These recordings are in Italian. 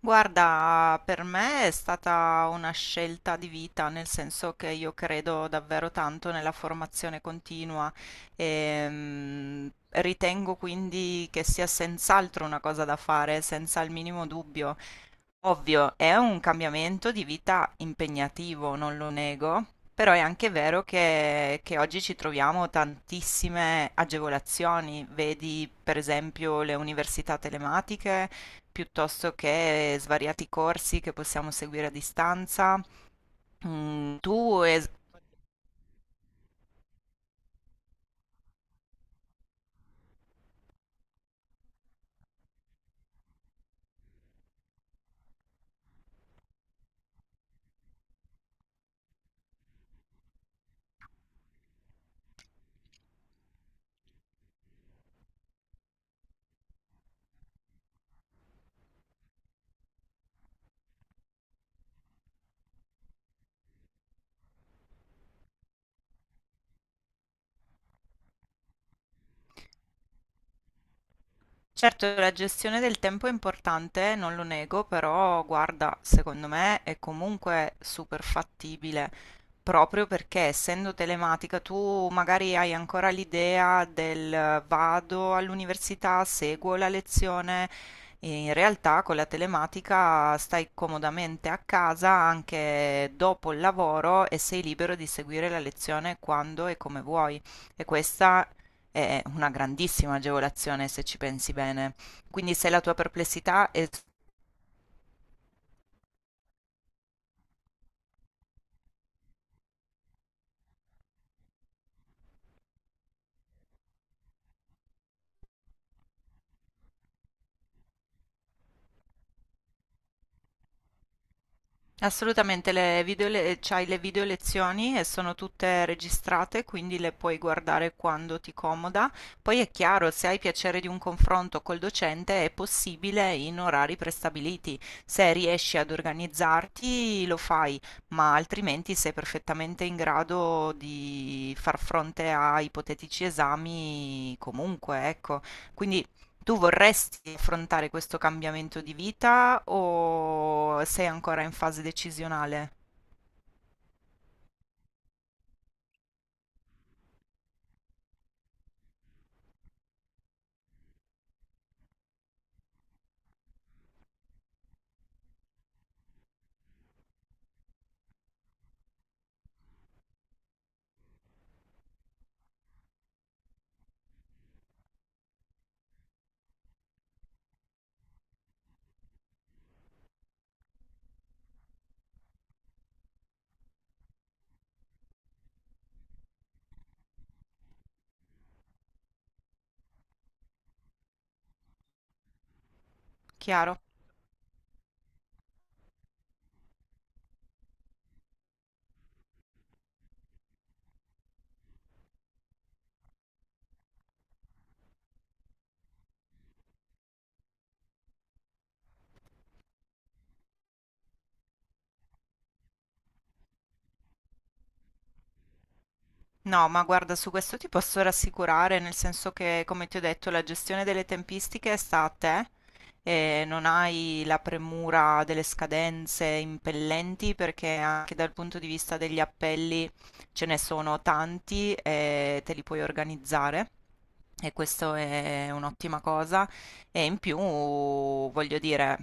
Guarda, per me è stata una scelta di vita, nel senso che io credo davvero tanto nella formazione continua e ritengo quindi che sia senz'altro una cosa da fare, senza il minimo dubbio. Ovvio, è un cambiamento di vita impegnativo, non lo nego, però è anche vero che oggi ci troviamo tantissime agevolazioni, vedi per esempio le università telematiche piuttosto che svariati corsi che possiamo seguire a distanza. Mm, tu es- Certo, la gestione del tempo è importante, non lo nego, però guarda, secondo me è comunque super fattibile, proprio perché essendo telematica tu magari hai ancora l'idea del vado all'università, seguo la lezione, e in realtà con la telematica stai comodamente a casa anche dopo il lavoro e sei libero di seguire la lezione quando e come vuoi. E questa è una grandissima agevolazione se ci pensi bene. Quindi se la tua perplessità è assolutamente c'hai le video lezioni e sono tutte registrate, quindi le puoi guardare quando ti comoda. Poi è chiaro, se hai piacere di un confronto col docente è possibile in orari prestabiliti. Se riesci ad organizzarti lo fai, ma altrimenti sei perfettamente in grado di far fronte a ipotetici esami comunque, ecco. Quindi Tu vorresti affrontare questo cambiamento di vita o sei ancora in fase decisionale? Chiaro? No, ma guarda, su questo ti posso rassicurare, nel senso che, come ti ho detto, la gestione delle tempistiche sta a te e non hai la premura delle scadenze impellenti perché anche dal punto di vista degli appelli ce ne sono tanti e te li puoi organizzare. E questo è un'ottima cosa. E in più, voglio dire,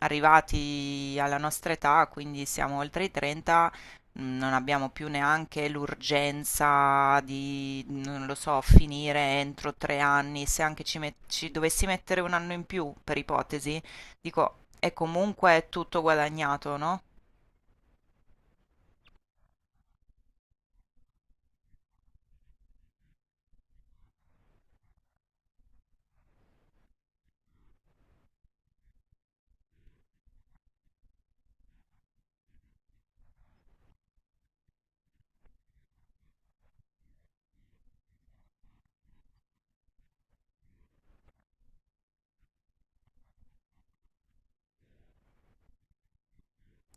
arrivati alla nostra età, quindi siamo oltre i 30, non abbiamo più neanche l'urgenza di, non lo so, finire entro 3 anni. Se anche ci dovessi mettere un anno in più, per ipotesi, dico, è comunque tutto guadagnato, no?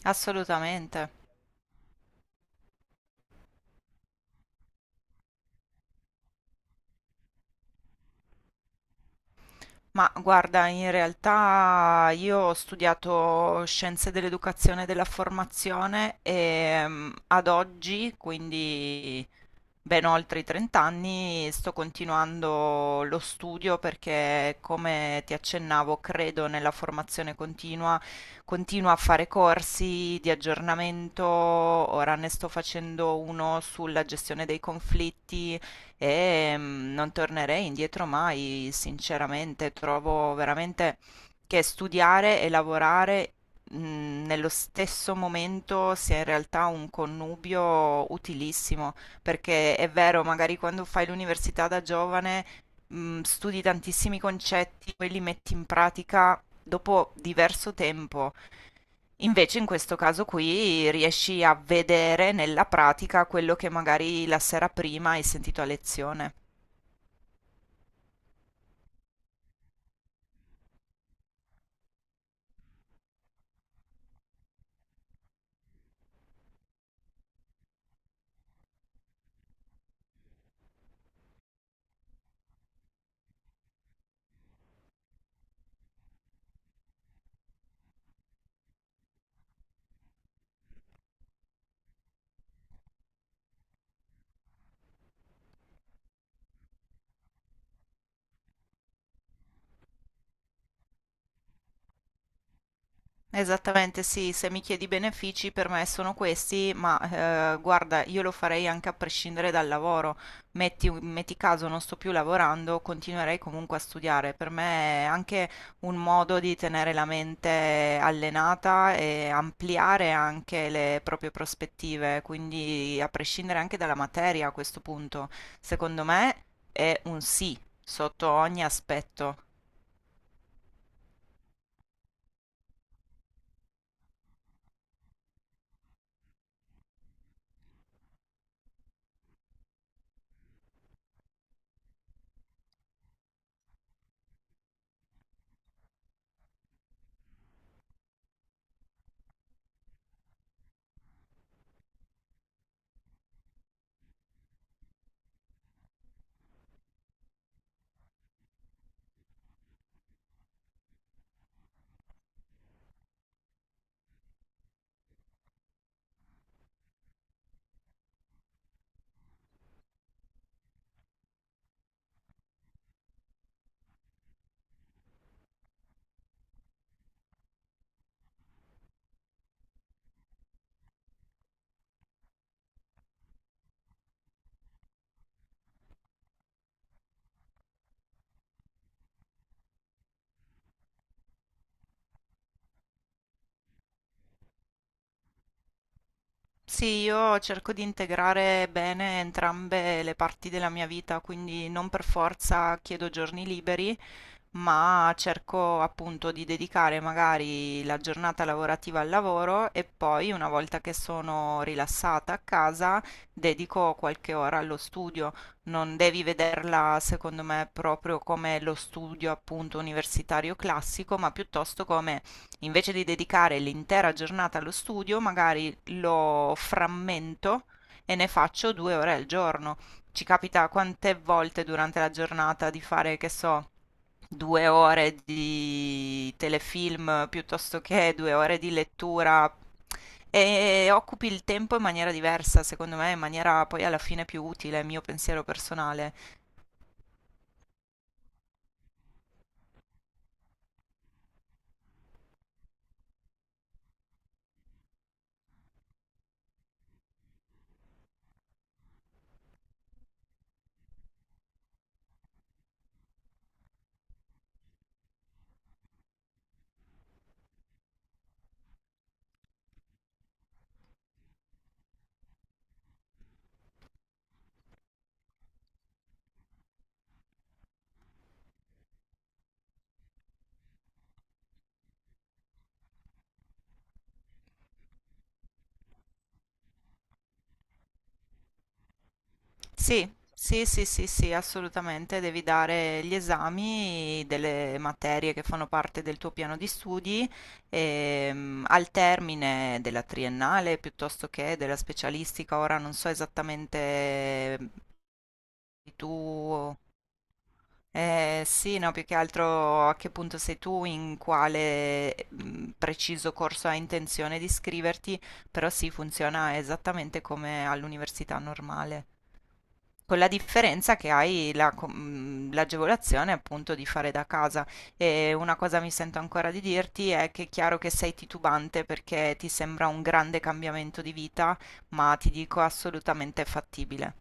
Assolutamente. Ma guarda, in realtà io ho studiato scienze dell'educazione e della formazione e ad oggi, quindi ben oltre i 30 anni, sto continuando lo studio perché, come ti accennavo, credo nella formazione continua, continuo a fare corsi di aggiornamento, ora ne sto facendo uno sulla gestione dei conflitti e non tornerei indietro mai, sinceramente, trovo veramente che studiare e lavorare nello stesso momento sia in realtà un connubio utilissimo, perché è vero, magari quando fai l'università da giovane studi tantissimi concetti, poi li metti in pratica dopo diverso tempo. Invece in questo caso qui riesci a vedere nella pratica quello che magari la sera prima hai sentito a lezione. Esattamente, sì, se mi chiedi benefici per me sono questi, ma guarda, io lo farei anche a prescindere dal lavoro. Metti caso non sto più lavorando, continuerei comunque a studiare. Per me è anche un modo di tenere la mente allenata e ampliare anche le proprie prospettive, quindi a prescindere anche dalla materia a questo punto, secondo me è un sì sotto ogni aspetto. Sì, io cerco di integrare bene entrambe le parti della mia vita, quindi non per forza chiedo giorni liberi, ma cerco appunto di dedicare magari la giornata lavorativa al lavoro e poi una volta che sono rilassata a casa dedico qualche ora allo studio. Non devi vederla secondo me proprio come lo studio appunto universitario classico, ma piuttosto come, invece di dedicare l'intera giornata allo studio, magari lo frammento e ne faccio 2 ore al giorno. Ci capita quante volte durante la giornata di fare, che so, 2 ore di telefilm piuttosto che 2 ore di lettura, e occupi il tempo in maniera diversa, secondo me, in maniera poi alla fine più utile, mio pensiero personale. Sì, sì, sì, sì, sì, assolutamente, devi dare gli esami delle materie che fanno parte del tuo piano di studi al termine della triennale piuttosto che della specialistica. Ora non so esattamente tu eh, sì, no, più che altro a che punto sei tu, in quale preciso corso hai intenzione di iscriverti, però sì, funziona esattamente come all'università normale, con la differenza che hai la l'agevolazione appunto di fare da casa. E una cosa mi sento ancora di dirti è che è chiaro che sei titubante perché ti sembra un grande cambiamento di vita, ma ti dico assolutamente fattibile.